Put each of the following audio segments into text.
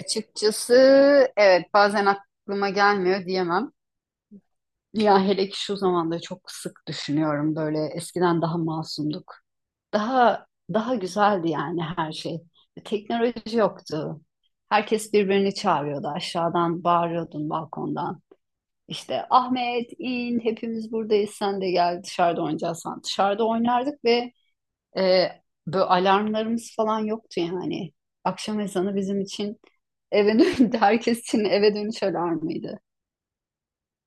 Açıkçası evet bazen aklıma gelmiyor diyemem. Ya hele ki şu zamanda çok sık düşünüyorum böyle eskiden daha masumduk. Daha daha güzeldi yani her şey. Teknoloji yoktu. Herkes birbirini çağırıyordu aşağıdan bağırıyordun balkondan. İşte Ahmet in hepimiz buradayız sen de gel dışarıda oynayacağız falan. Dışarıda oynardık ve e, böyle alarmlarımız falan yoktu yani. Akşam ezanı bizim için eve dönüş, herkes için eve dönüş alarmıydı.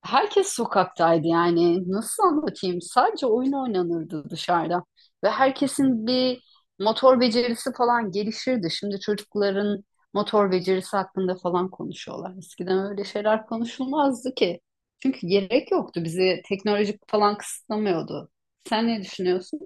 Herkes sokaktaydı yani. Nasıl anlatayım? Sadece oyun oynanırdı dışarıda. Ve herkesin bir motor becerisi falan gelişirdi. Şimdi çocukların motor becerisi hakkında falan konuşuyorlar. Eskiden öyle şeyler konuşulmazdı ki. Çünkü gerek yoktu. Bizi teknolojik falan kısıtlamıyordu. Sen ne düşünüyorsun?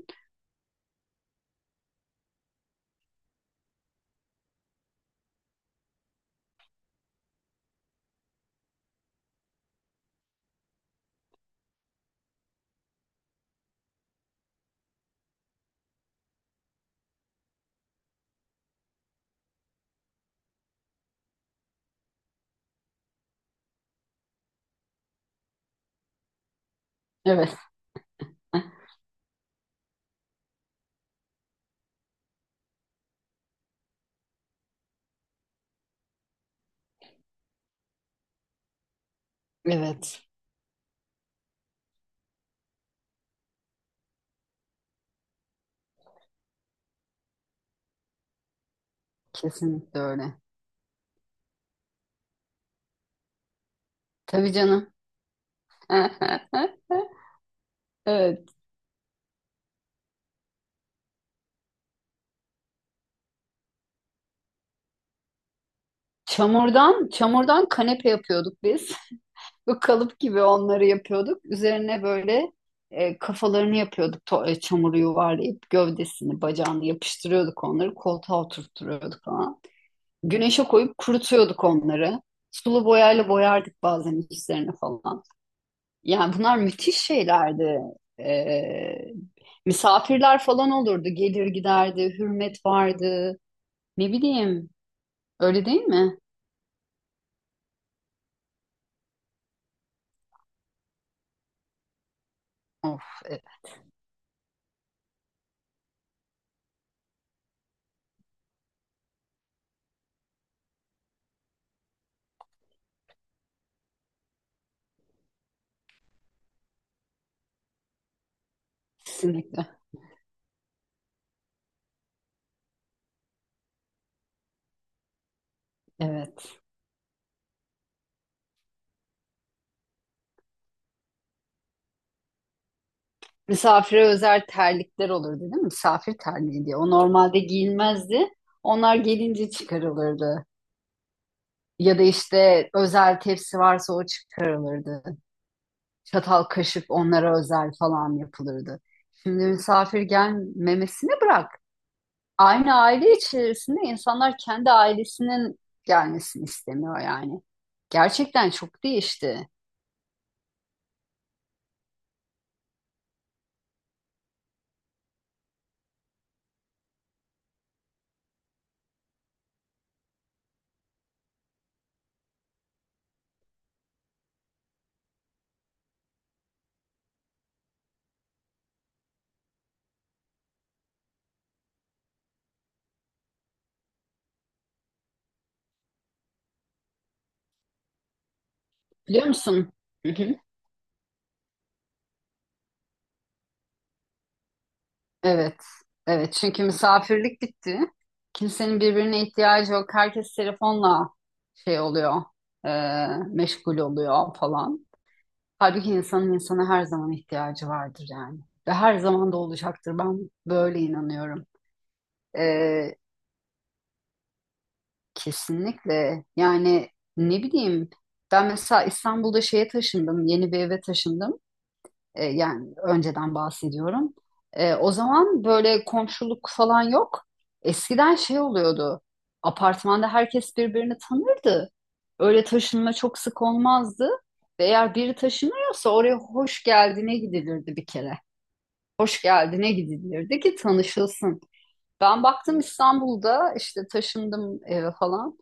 Evet. Evet. Kesinlikle öyle. Tabii canım. Evet. Çamurdan kanepe yapıyorduk biz. Bu kalıp gibi onları yapıyorduk. Üzerine böyle kafalarını yapıyorduk. Çamuru yuvarlayıp gövdesini, bacağını yapıştırıyorduk onları. Koltuğa oturtturuyorduk falan. Güneşe koyup kurutuyorduk onları. Sulu boyayla boyardık bazen üstlerine falan. Yani bunlar müthiş şeylerdi. E, Misafirler falan olurdu. Gelir giderdi, hürmet vardı. Ne bileyim, öyle değil mi? Of, evet, kesinlikle. Evet. Misafire özel terlikler olurdu değil mi? Misafir terliği diye. O normalde giyilmezdi. Onlar gelince çıkarılırdı. Ya da işte özel tepsi varsa o çıkarılırdı. Çatal kaşık onlara özel falan yapılırdı. Şimdi misafir gelmemesini bırak. Aynı aile içerisinde insanlar kendi ailesinin gelmesini istemiyor yani. Gerçekten çok değişti. Biliyor musun? Evet, evet. Çünkü misafirlik bitti. Kimsenin birbirine ihtiyacı yok. Herkes telefonla şey oluyor, e, meşgul oluyor falan. Halbuki insanın insana her zaman ihtiyacı vardır yani. Ve her zaman da olacaktır. Ben böyle inanıyorum. E, Kesinlikle. Yani ne bileyim. Ben mesela İstanbul'da şeye taşındım, yeni bir eve taşındım. E, yani önceden bahsediyorum. E, o zaman böyle komşuluk falan yok. Eskiden şey oluyordu. Apartmanda herkes birbirini tanırdı. Öyle taşınma çok sık olmazdı. Ve eğer biri taşınıyorsa oraya hoş geldine gidilirdi bir kere. Hoş geldine gidilirdi ki tanışılsın. Ben baktım İstanbul'da işte taşındım falan.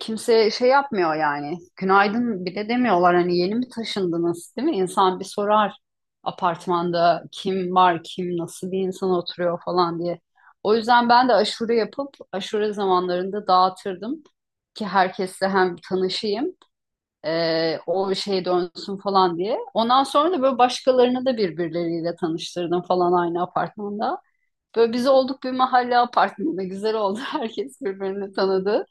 Kimse şey yapmıyor yani. Günaydın bile demiyorlar. Hani yeni mi taşındınız, değil mi? İnsan bir sorar apartmanda kim var, kim nasıl bir insan oturuyor falan diye. O yüzden ben de aşure yapıp aşure zamanlarında dağıtırdım ki herkesle hem tanışayım, o şey dönsün falan diye. Ondan sonra da böyle başkalarını da birbirleriyle tanıştırdım falan aynı apartmanda. Böyle biz olduk bir mahalle apartmanı. Güzel oldu. Herkes birbirini tanıdı.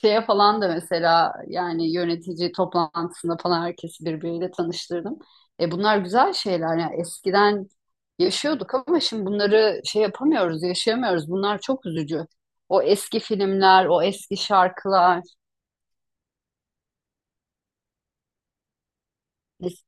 Şeye falan da mesela yani yönetici toplantısında falan herkesi birbiriyle tanıştırdım. Bunlar güzel şeyler. Yani eskiden yaşıyorduk ama şimdi bunları şey yapamıyoruz, yaşayamıyoruz. Bunlar çok üzücü. O eski filmler, o eski şarkılar. Es-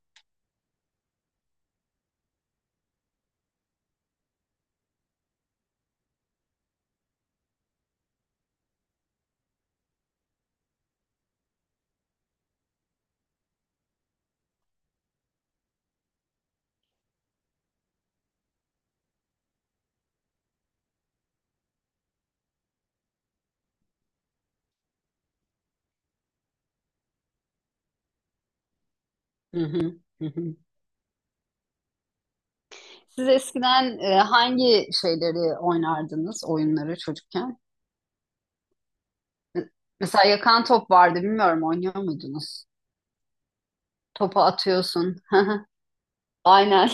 Hı hı, hı hı. Siz eskiden hangi şeyleri oynardınız, oyunları çocukken? Mesela yakan top vardı, bilmiyorum oynuyor muydunuz? Topu atıyorsun. Aynen.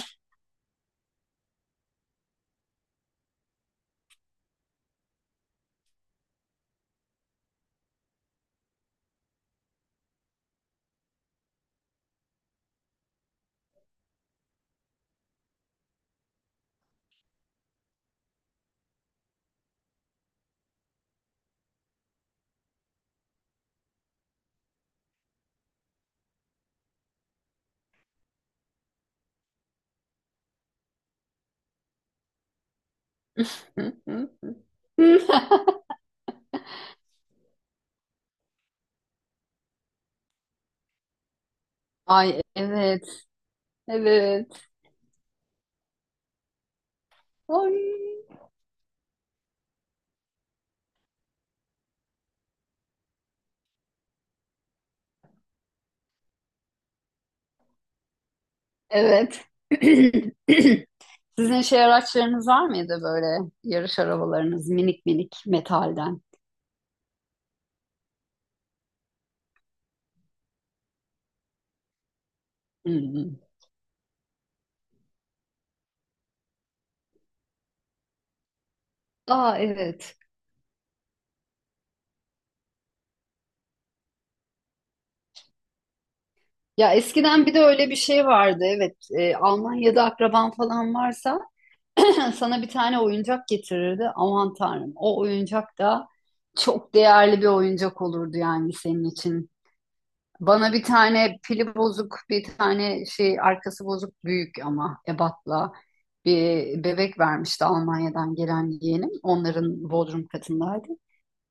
Ay evet. Evet. Ay. Evet. Sizin şey araçlarınız var mıydı böyle yarış arabalarınız minik minik metalden? Hmm. Aa evet. Ya eskiden bir de öyle bir şey vardı. Evet, Almanya'da akraban falan varsa sana bir tane oyuncak getirirdi. Aman Tanrım, o oyuncak da çok değerli bir oyuncak olurdu yani senin için. Bana bir tane pili bozuk, bir tane şey arkası bozuk büyük ama ebatla bir bebek vermişti Almanya'dan gelen yeğenim. Onların bodrum katındaydı.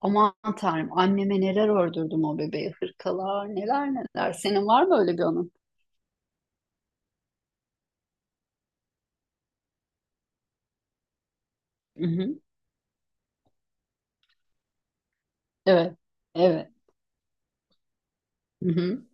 Aman Tanrım anneme neler ördürdüm o bebeğe. Hırkalar neler neler. Senin var mı öyle bir onun? Hı hı. Evet. Evet. Hı hı.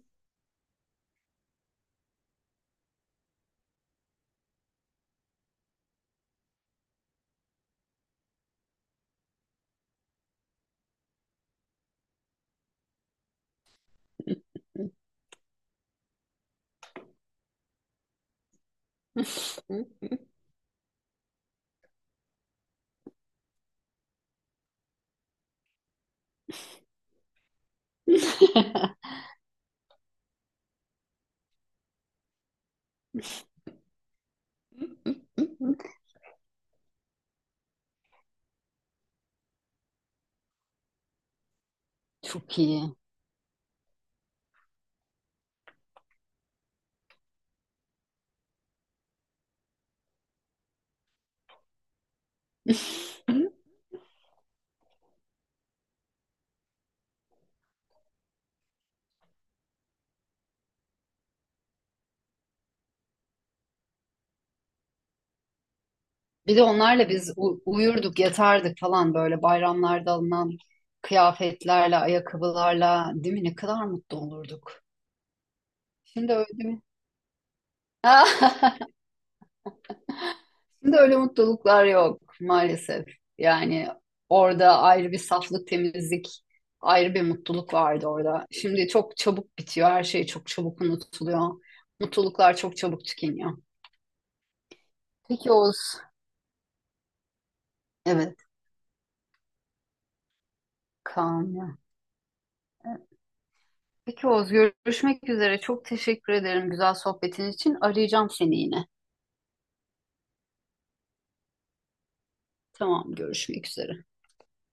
Çok iyi. Bir de onlarla biz uyurduk, yatardık falan böyle bayramlarda alınan kıyafetlerle, ayakkabılarla, değil mi? Ne kadar mutlu olurduk. Şimdi öyle değil mi? Şimdi öyle mutluluklar yok maalesef. Yani orada ayrı bir saflık, temizlik, ayrı bir mutluluk vardı orada. Şimdi çok çabuk bitiyor, her şey çok çabuk unutuluyor. Mutluluklar çok çabuk tükeniyor. Peki Oğuz. Evet, Kaan. Peki Oğuz, görüşmek üzere. Çok teşekkür ederim güzel sohbetin için. Arayacağım seni yine. Tamam, görüşmek üzere.